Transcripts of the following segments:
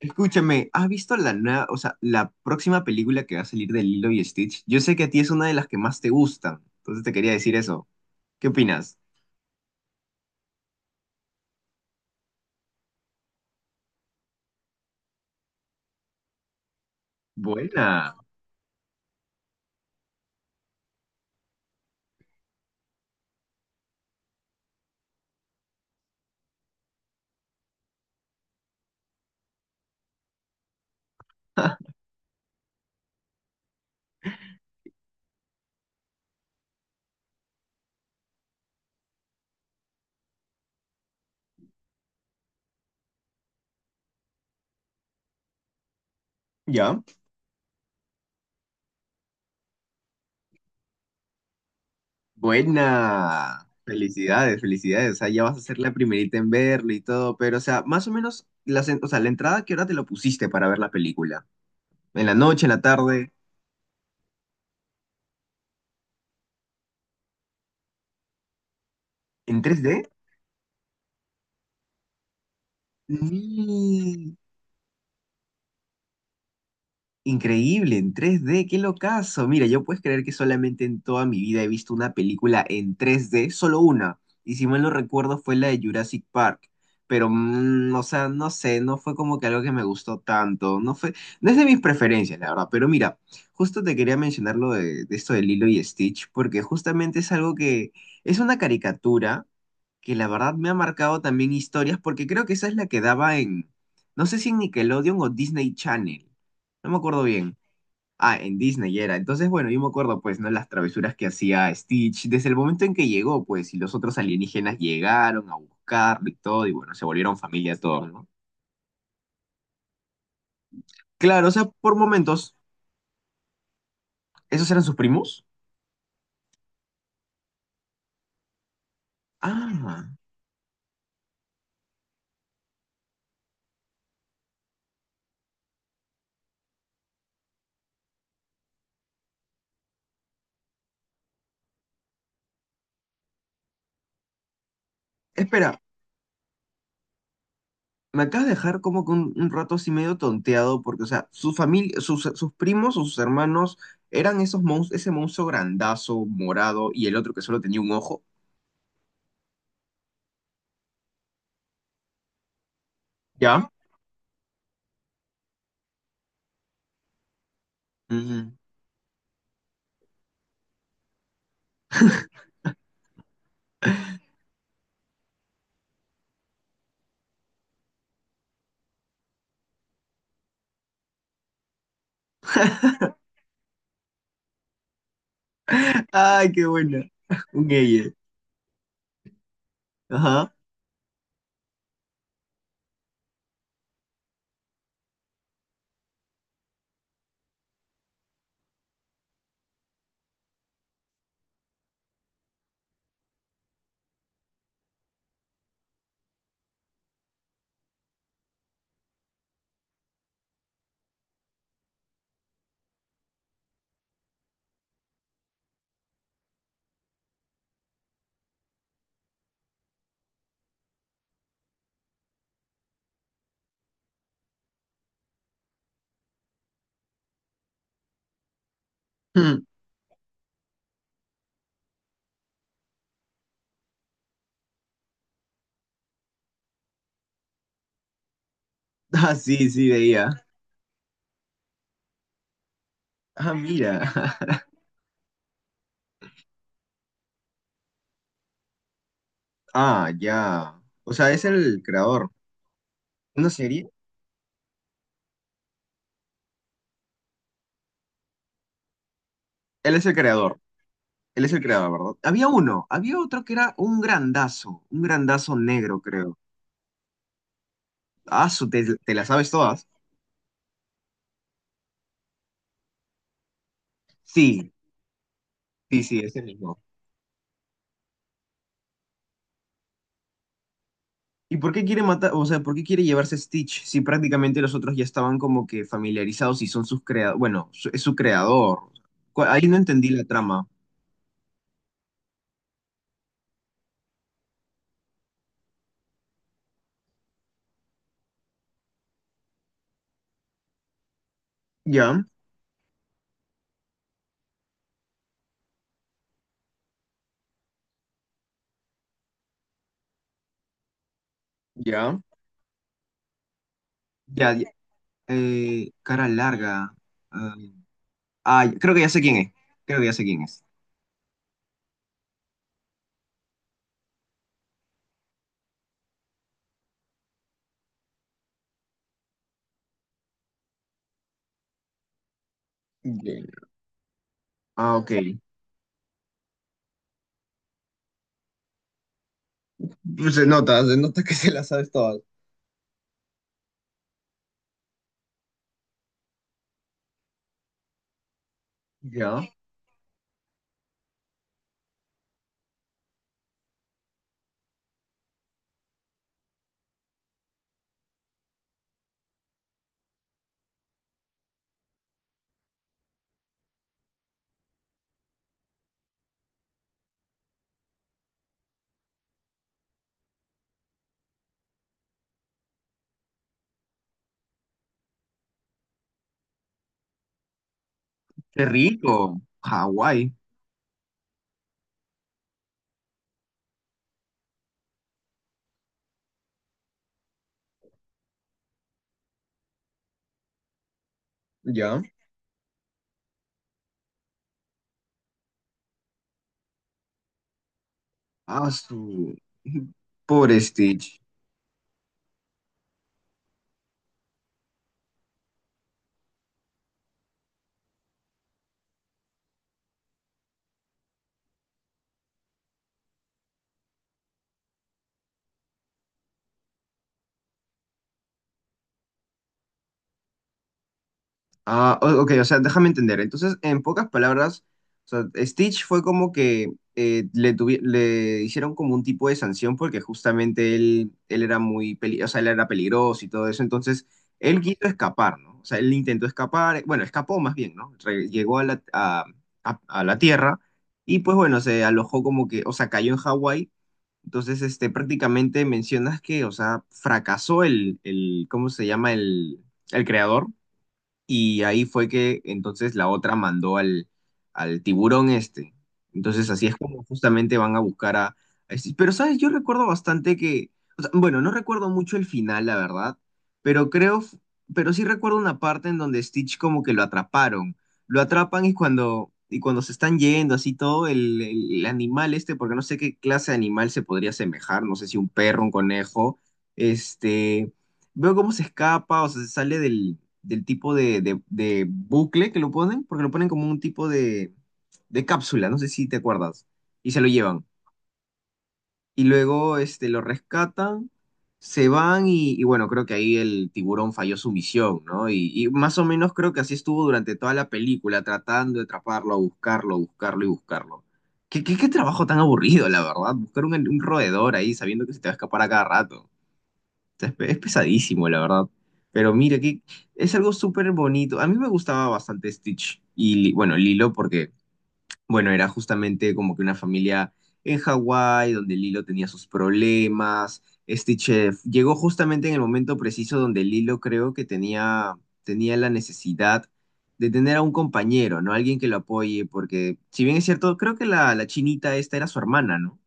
Escúchame, ¿has visto la nueva, la próxima película que va a salir de Lilo y Stitch? Yo sé que a ti es una de las que más te gustan, entonces te quería decir eso. ¿Qué opinas? Buena. ¿Ya? Buena. Felicidades, felicidades. O sea, ya vas a ser la primerita en verlo y todo, pero, o sea, más o menos, o sea, la entrada, ¿qué hora te lo pusiste para ver la película? ¿En la noche, en la tarde? ¿En 3D? Increíble, en tres d qué locazo. Mira, yo puedes creer que solamente en toda mi vida he visto una película en tres d solo una. Y si mal no recuerdo fue la de Jurassic Park. Pero, o sea, no sé, no fue como que algo que me gustó tanto. No es de mis preferencias, la verdad. Pero mira, justo te quería mencionar lo de esto de Lilo y Stitch, porque justamente es algo que es una caricatura que la verdad me ha marcado también historias, porque creo que esa es la que no sé si en Nickelodeon o Disney Channel, no me acuerdo bien. Ah, en Disney era. Entonces, bueno, yo me acuerdo, pues, ¿no? Las travesuras que hacía Stitch desde el momento en que llegó, pues, y los otros alienígenas llegaron a buscarlo y todo, y bueno, se volvieron familia todos, ¿no? Claro, o sea, por momentos, ¿esos eran sus primos? Ah, espera. Me acabas de dejar como que un rato así medio tonteado, porque, o sea, su familia, sus primos o sus hermanos eran esos monstruos, ese monstruo grandazo, morado, y el otro que solo tenía un ojo. ¿Ya? Ujú. Ay, qué buena. Un ella. Ajá. Mm. Ah, sí, sí, veía. Ah, mira. Ah, ya. O sea, es el creador. ¿Una serie? Él es el creador. Él es el creador, ¿verdad? Había uno. Había otro que era un grandazo. Un grandazo negro, creo. Ah, su, te la sabes todas. Sí, sí, sí, ese mismo. ¿Y por qué quiere matar, o sea, por qué quiere llevarse a Stitch si prácticamente los otros ya estaban como que familiarizados y son sus creadores, bueno, su- es su creador. Cu- Ahí no entendí la trama. Ya, ya, ya, ya. Cara larga. ah, Creo que ya sé quién es. Creo que ya sé quién es. Bien. Ah, ok. Pues se nota que se las sabes todas. Ya. Qué rico. Hawái. Ya. Ah, su... Pobre Stitch. Ah, o- ok, o sea, déjame entender. Entonces, en pocas palabras, o sea, Stitch fue como que le hicieron como un tipo de sanción porque justamente él era muy peli- o sea, él era peligroso y todo eso. Entonces, él quiso escapar, ¿no? O sea, él intentó escapar, bueno, escapó más bien, ¿no? Re- llegó a a la Tierra y pues bueno, se alojó como que, o sea, cayó en Hawái. Entonces, este, prácticamente mencionas que, o sea, fracasó ¿cómo se llama? El creador y ahí fue que entonces la otra mandó al tiburón este. Entonces así es como justamente van a buscar a este- Pero, ¿sabes? Yo recuerdo bastante que... o sea, bueno, no recuerdo mucho el final, la verdad, pero creo... f- Pero sí recuerdo una parte en donde Stitch como que lo atraparon. Lo atrapan y cuando se están yendo, así todo, el animal este, porque no sé qué clase de animal se podría asemejar, no sé si un perro, un conejo, este... Veo cómo se escapa, o sea, se sale del tipo de bucle que lo ponen, porque lo ponen como un tipo de cápsula, no sé si te acuerdas, y se lo llevan. Y luego este, lo rescatan, se van y bueno, creo que ahí el tiburón falló su misión, ¿no? Y más o menos creo que así estuvo durante toda la película, tratando de atraparlo, buscarlo, buscarlo y buscarlo. ¿Qué trabajo tan aburrido, la verdad? Buscar un roedor ahí sabiendo que se te va a escapar a cada rato sea, es pe- es pesadísimo, la verdad. Pero mira, que es algo súper bonito. A mí me gustaba bastante Stitch y, Li- bueno, Lilo, porque, bueno, era justamente como que una familia en Hawái, donde Lilo tenía sus problemas. Stitch llegó justamente en el momento preciso donde Lilo creo tenía la necesidad de tener a un compañero, ¿no? Alguien que lo apoye, porque, si bien es cierto, creo que la chinita esta era su hermana, ¿no?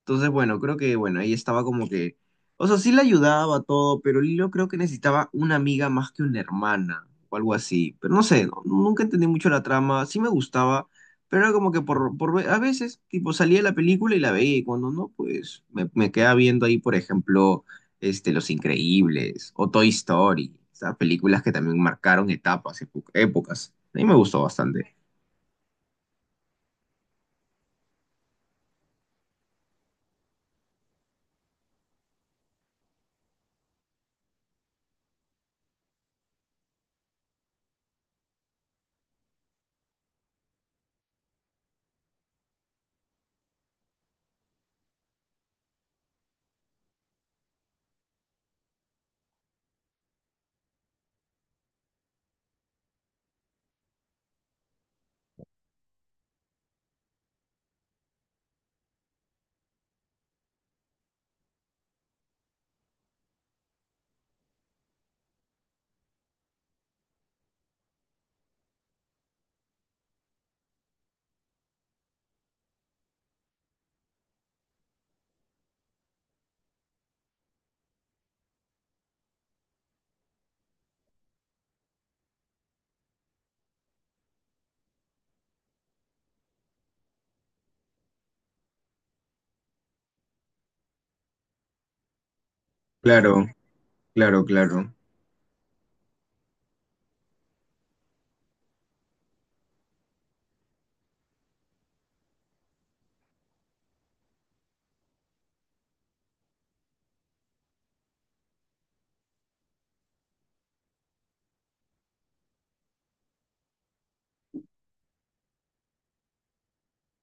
Entonces, bueno, creo que, bueno, ahí estaba como que, o sea, sí le ayudaba todo, pero Lilo creo que necesitaba una amiga más que una hermana o algo así. Pero no sé, nunca entendí mucho la trama, sí me gustaba, pero era como que por ve- a veces, tipo, salía de la película y la veía y cuando no, pues me quedaba viendo ahí, por ejemplo, este, Los Increíbles o Toy Story, esas películas que también marcaron etapas, epo- épocas. A mí me gustó bastante. Claro, claro, claro.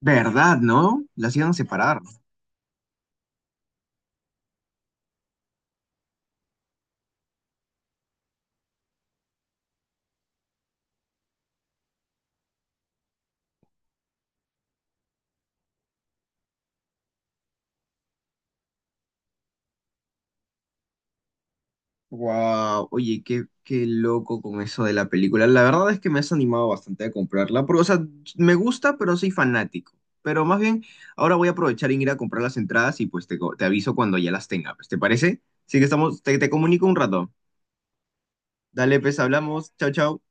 ¿Verdad, no? Las iban a separar. Wow, oye, qué loco con eso de la película. La verdad es que me has animado bastante a comprarla, porque, o sea, me gusta, pero soy fanático. Pero más bien, ahora voy a aprovechar en ir a comprar las entradas y pues te, co- te aviso cuando ya las tenga, pues, ¿te parece? Así que estamos, te comunico un rato. Dale, pues, hablamos. Chao, chao.